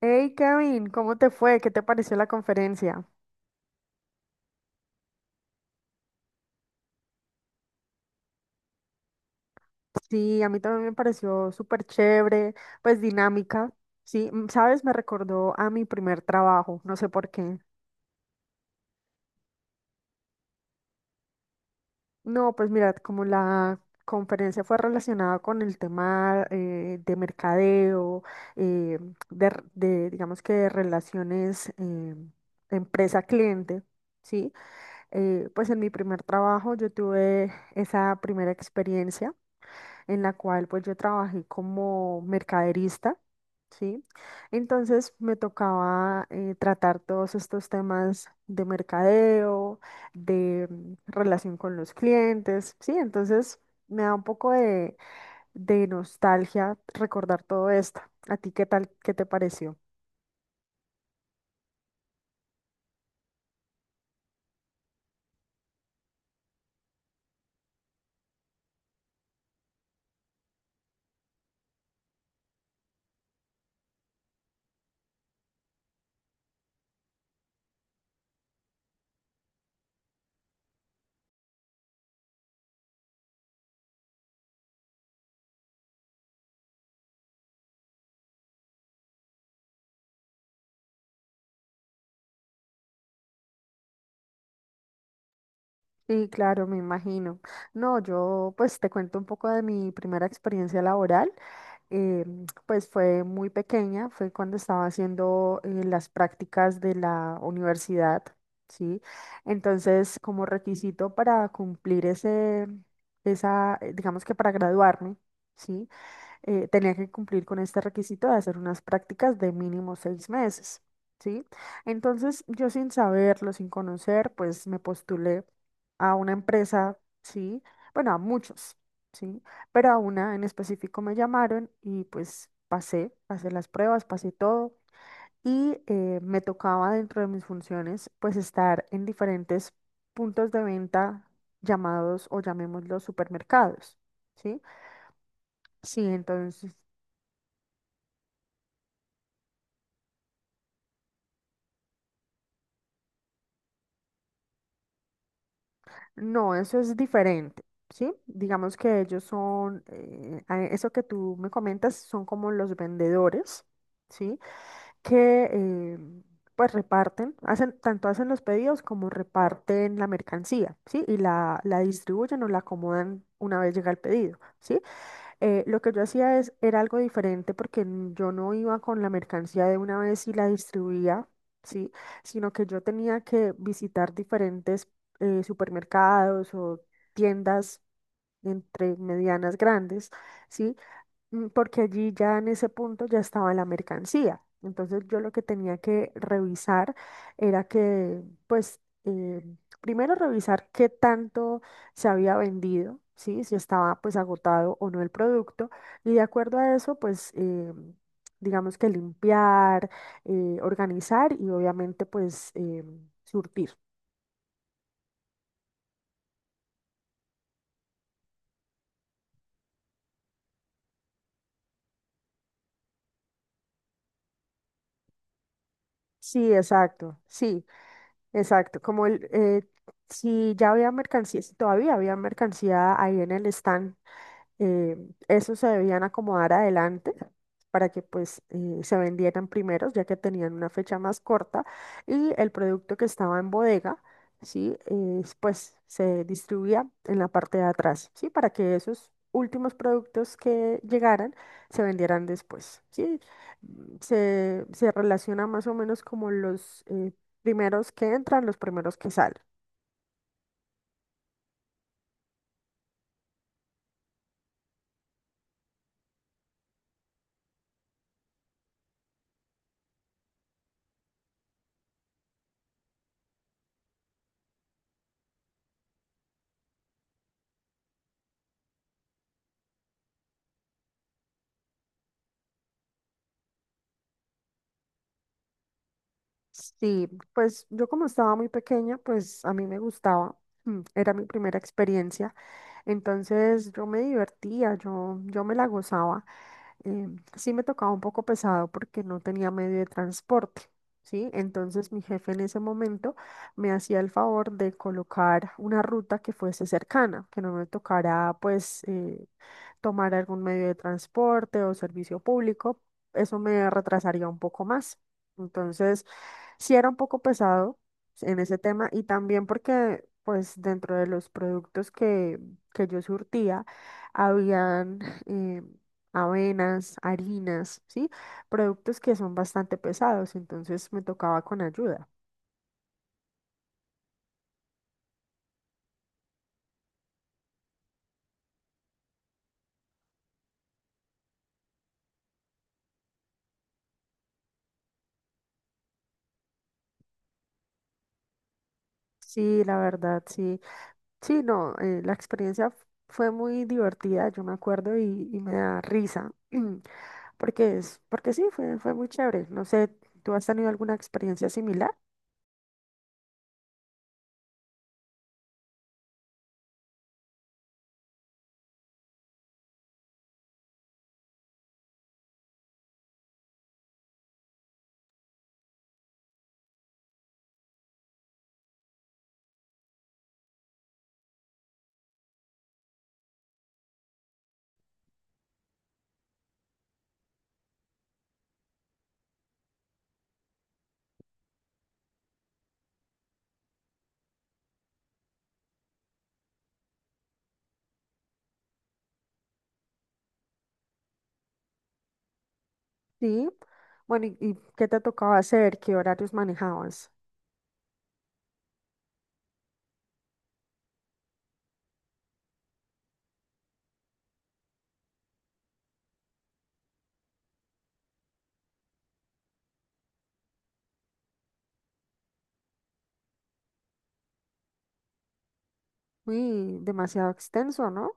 Hey Kevin, ¿cómo te fue? ¿Qué te pareció la conferencia? Sí, a mí también me pareció súper chévere, pues dinámica. Sí, sabes, me recordó a mi primer trabajo, no sé por qué. No, pues mira, como la conferencia fue relacionada con el tema de mercadeo, eh, de, digamos que de relaciones empresa-cliente, ¿sí? Pues en mi primer trabajo yo tuve esa primera experiencia, en la cual pues yo trabajé como mercaderista, ¿sí? Entonces me tocaba tratar todos estos temas de mercadeo, de relación con los clientes, ¿sí? Entonces me da un poco de nostalgia recordar todo esto. ¿A ti qué tal, qué te pareció? Sí, claro, me imagino. No, yo pues te cuento un poco de mi primera experiencia laboral. eh, pues fue muy pequeña, fue cuando estaba haciendo las prácticas de la universidad, ¿sí? Entonces, como requisito para cumplir ese, esa, digamos que para graduarme, ¿sí? Tenía que cumplir con este requisito de hacer unas prácticas de mínimo 6 meses, ¿sí? Entonces, yo sin saberlo, sin conocer, pues me postulé a una empresa, ¿sí? Bueno, a muchos, ¿sí? Pero a una en específico me llamaron y pues pasé, pasé las pruebas, pasé todo y me tocaba dentro de mis funciones pues estar en diferentes puntos de venta llamados o llamémoslos supermercados, ¿sí? Sí, entonces. No, eso es diferente, ¿sí? Digamos que ellos son, eso que tú me comentas, son como los vendedores, ¿sí? Que pues reparten, hacen, tanto hacen los pedidos como reparten la mercancía, ¿sí? Y la distribuyen o la acomodan una vez llega el pedido, ¿sí? Lo que yo hacía es, era algo diferente porque yo no iba con la mercancía de una vez y la distribuía, ¿sí? Sino que yo tenía que visitar diferentes supermercados o tiendas entre medianas grandes, ¿sí? Porque allí ya en ese punto ya estaba la mercancía. Entonces yo lo que tenía que revisar era que, pues, primero revisar qué tanto se había vendido, ¿sí? Si estaba pues agotado o no el producto. Y de acuerdo a eso, pues, digamos que limpiar, organizar y obviamente pues surtir. Sí, exacto, sí. Exacto, como el, si ya había mercancía, si todavía había mercancía ahí en el stand, eh, esos se debían acomodar adelante para que pues se vendieran primeros, ya que tenían una fecha más corta y el producto que estaba en bodega, ¿sí? Pues se distribuía en la parte de atrás, ¿sí? Para que esos últimos productos que llegaran se vendieran después, ¿sí? Se, se relaciona más o menos como los primeros que entran, los primeros que salen. Sí, pues yo como estaba muy pequeña, pues a mí me gustaba, era mi primera experiencia, entonces yo me divertía, yo me la gozaba. eh, sí me tocaba un poco pesado porque no tenía medio de transporte, ¿sí? Entonces mi jefe en ese momento me hacía el favor de colocar una ruta que fuese cercana, que no me tocara pues tomar algún medio de transporte o servicio público, eso me retrasaría un poco más. Entonces, sí era un poco pesado en ese tema y también porque, pues, dentro de los productos que yo surtía, habían eh, avenas, harinas, ¿sí? Productos que son bastante pesados, entonces me tocaba con ayuda. Sí, la verdad, sí. Sí, no, la experiencia fue muy divertida, yo me acuerdo, y me da risa, porque es, porque sí, fue muy chévere. No sé, ¿tú has tenido alguna experiencia similar? Sí. Bueno, ¿y qué te tocaba hacer? ¿Qué horarios manejabas? Uy, demasiado extenso, ¿no?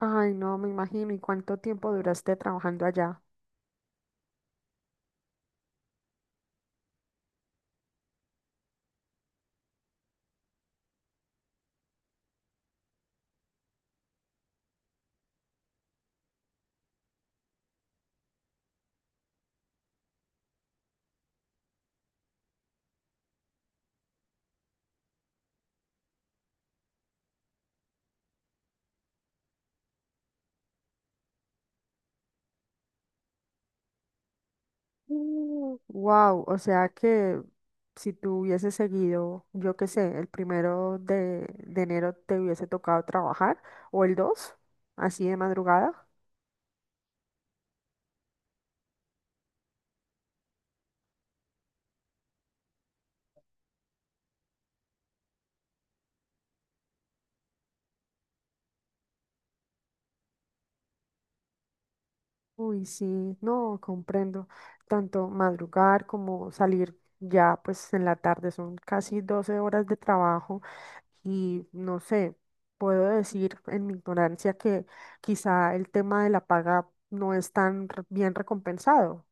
Ay, no, me imagino. ¿Y cuánto tiempo duraste trabajando allá? Wow, o sea que si tú hubieses seguido, yo qué sé, el primero de enero te hubiese tocado trabajar o el 2, así de madrugada. Uy, sí, no, comprendo. Tanto madrugar como salir ya pues en la tarde son casi 12 horas de trabajo y no sé, puedo decir en mi ignorancia que quizá el tema de la paga no es tan bien recompensado.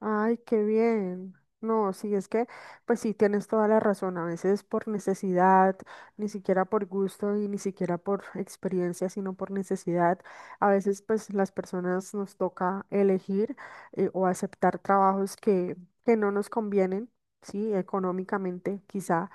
Ay, qué bien. No, sí, es que, pues sí, tienes toda la razón. A veces por necesidad, ni siquiera por gusto y ni siquiera por experiencia, sino por necesidad. A veces, pues las personas nos toca elegir o aceptar trabajos que no nos convienen, sí, económicamente quizá,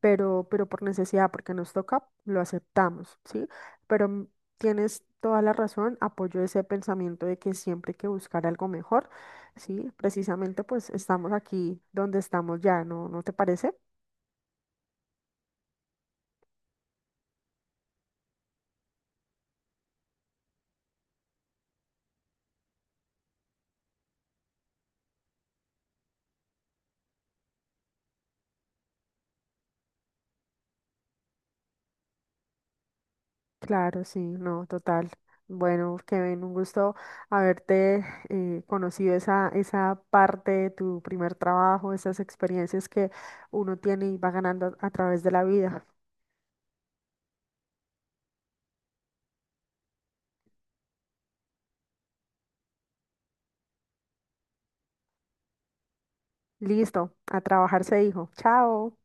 pero por necesidad, porque nos toca, lo aceptamos, sí. Pero tienes toda la razón. Apoyo ese pensamiento de que siempre hay que buscar algo mejor. Sí, precisamente pues estamos aquí donde estamos ya, ¿no? ¿No te parece? Claro, sí, no, total. Bueno, Kevin, un gusto haberte conocido esa, esa parte de tu primer trabajo, esas experiencias que uno tiene y va ganando a través de la vida. Listo, a trabajar se dijo. Chao.